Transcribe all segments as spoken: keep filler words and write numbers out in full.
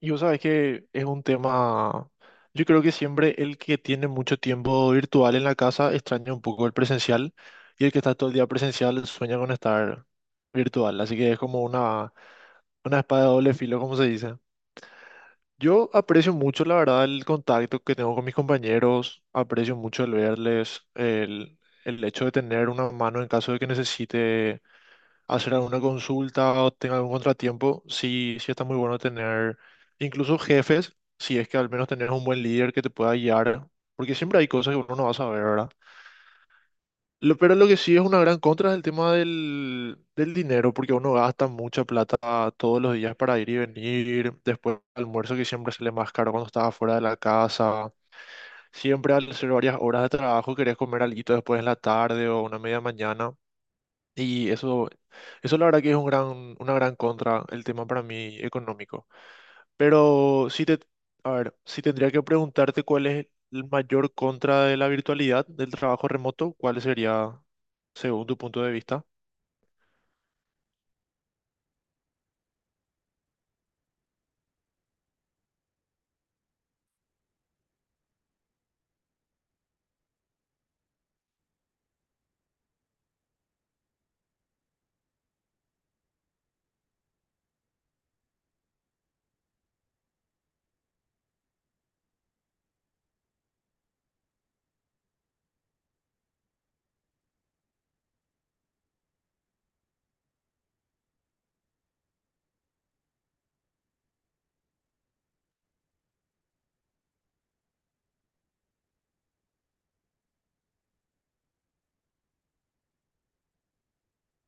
Y vos sabés que es un tema, yo creo que siempre el que tiene mucho tiempo virtual en la casa extraña un poco el presencial y el que está todo el día presencial sueña con estar virtual, así que es como una, una espada de doble filo, como se dice. Yo aprecio mucho, la verdad, el contacto que tengo con mis compañeros, aprecio mucho el verles, el, el hecho de tener una mano en caso de que necesite hacer alguna consulta o tenga algún contratiempo, sí, sí está muy bueno tener incluso jefes, si es que al menos tenés un buen líder que te pueda guiar, porque siempre hay cosas que uno no va a saber, ¿verdad? Lo, pero lo que sí es una gran contra es el tema del, del dinero, porque uno gasta mucha plata todos los días para ir y venir, después almuerzo que siempre sale más caro cuando estás afuera de la casa, siempre al hacer varias horas de trabajo querés comer algo después en la tarde o una media mañana. Y eso, eso la verdad que es un gran, una gran contra el tema para mí económico. Pero si te, a ver, si tendría que preguntarte cuál es el mayor contra de la virtualidad, del trabajo remoto, ¿cuál sería según tu punto de vista?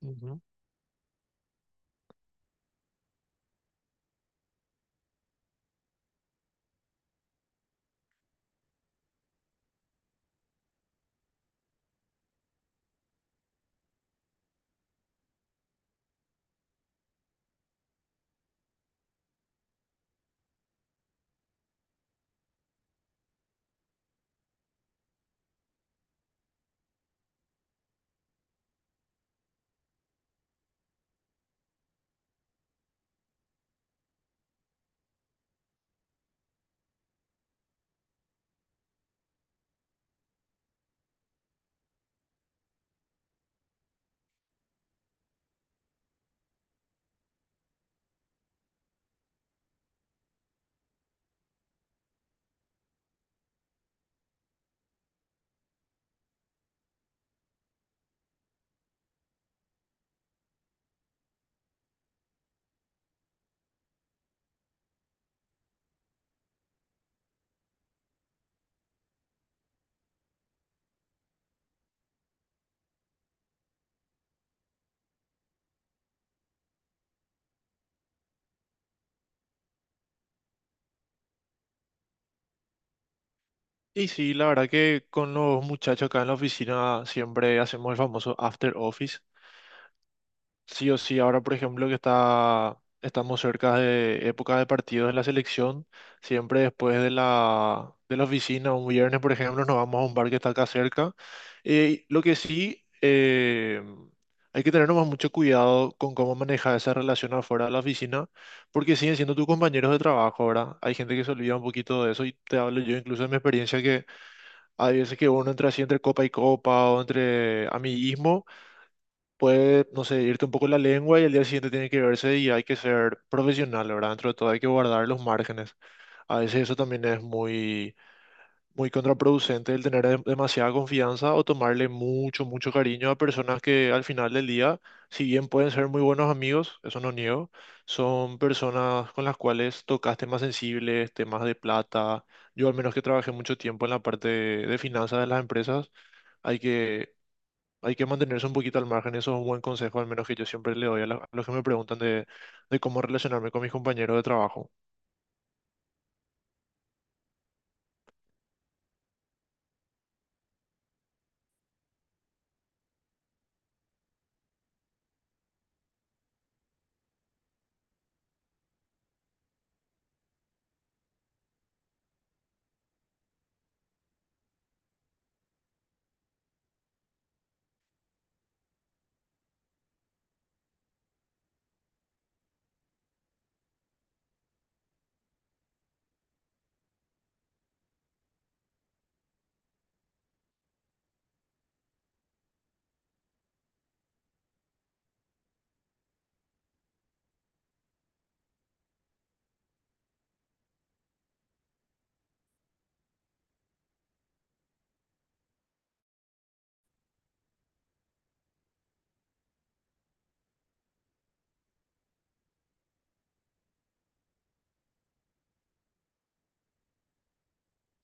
Ujú. Y sí, la verdad que con los muchachos acá en la oficina siempre hacemos el famoso after office. Sí o sí, ahora por ejemplo que está, estamos cerca de época de partidos en la selección, siempre después de la, de la oficina, un viernes por ejemplo, nos vamos a un bar que está acá cerca. Eh, lo que sí, eh, hay que tener nomás mucho cuidado con cómo manejar esa relación afuera de la oficina, porque siguen siendo tus compañeros de trabajo, ¿verdad? Hay gente que se olvida un poquito de eso y te hablo yo incluso de mi experiencia que hay veces que uno entra así entre copa y copa o entre amiguismo puede, no sé, irte un poco la lengua y al día siguiente tiene que verse y hay que ser profesional, ¿verdad? Dentro de todo hay que guardar los márgenes. A veces eso también es muy, muy contraproducente el tener dem- demasiada confianza o tomarle mucho, mucho cariño a personas que al final del día, si bien pueden ser muy buenos amigos, eso no niego, son personas con las cuales tocas temas sensibles, temas de plata. Yo al menos que trabajé mucho tiempo en la parte de de finanzas de las empresas hay que hay que mantenerse un poquito al margen, eso es un buen consejo, al menos que yo siempre le doy a, la- a los que me preguntan de, de cómo relacionarme con mis compañeros de trabajo.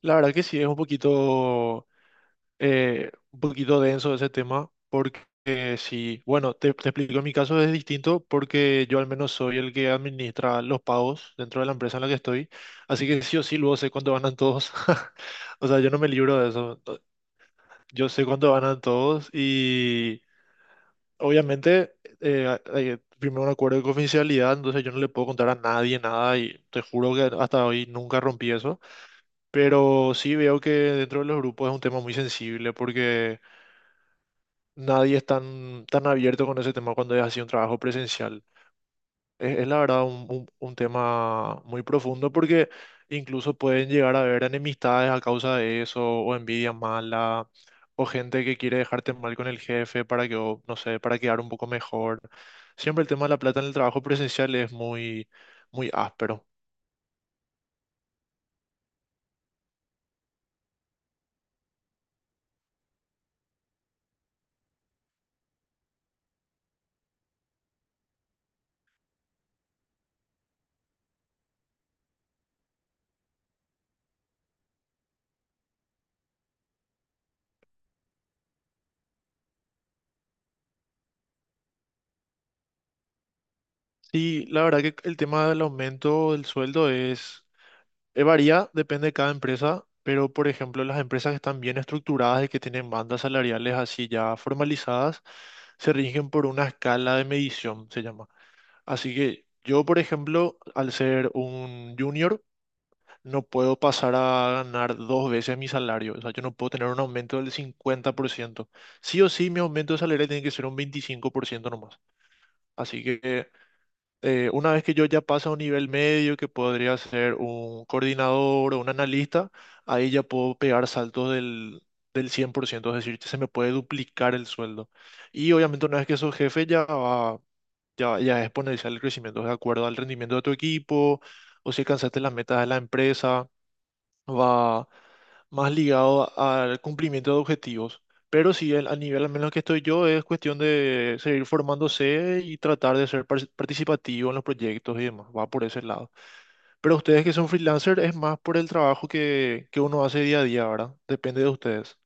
La verdad que sí, es un poquito, eh, un poquito denso ese tema, porque eh, sí, bueno, te, te explico, en mi caso es distinto porque yo al menos soy el que administra los pagos dentro de la empresa en la que estoy, así que sí o sí luego sé cuánto ganan todos, o sea, yo no me libro de eso, yo sé cuánto ganan todos y... obviamente, eh, hay primero un acuerdo de confidencialidad, entonces yo no le puedo contar a nadie nada y te juro que hasta hoy nunca rompí eso. Pero sí veo que dentro de los grupos es un tema muy sensible porque nadie es tan, tan abierto con ese tema cuando es así un trabajo presencial. Es, es la verdad un, un- un tema muy profundo porque incluso pueden llegar a haber enemistades a causa de eso, o envidia mala, o gente que quiere dejarte mal con el jefe para que, o- no sé, para quedar un poco mejor. Siempre el tema de la plata en el trabajo presencial es muy, muy áspero. Sí, la verdad que el tema del aumento del sueldo es Eh, varía, depende de cada empresa, pero por ejemplo, las empresas que están bien estructuradas y que tienen bandas salariales así ya formalizadas, se rigen por una escala de medición, se llama. Así que yo, por ejemplo, al ser un junior, no puedo pasar a ganar dos veces mi salario. O sea, yo no puedo tener un aumento del cincuenta por ciento. Sí o sí, mi aumento de salario tiene que ser un veinticinco por ciento nomás. Así que eh, una vez que yo ya paso a un nivel medio, que podría ser un coordinador o un analista, ahí ya puedo pegar saltos del, del cien por ciento, es decir, se me puede duplicar el sueldo. Y obviamente una vez que sos jefe ya va- ya, ya es exponencial el crecimiento de acuerdo al rendimiento de tu equipo o si alcanzaste las metas de la empresa va más ligado al cumplimiento de objetivos. Pero sí, el- a nivel al menos que estoy yo, es cuestión de seguir formándose y tratar de ser par- participativo en los proyectos y demás. Va por ese lado. Pero ustedes que son freelancers, es más por el trabajo que, que uno hace día a día, ¿verdad? Depende de ustedes.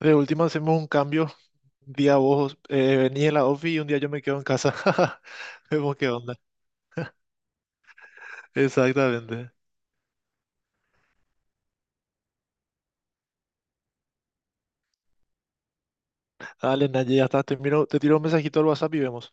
De última hacemos un cambio. Un día vos eh, venís a la ofi y un día yo me quedo en casa. Vemos qué onda. Exactamente. Dale, Naye, ya está. Te miro- te tiro un mensajito al WhatsApp y vemos.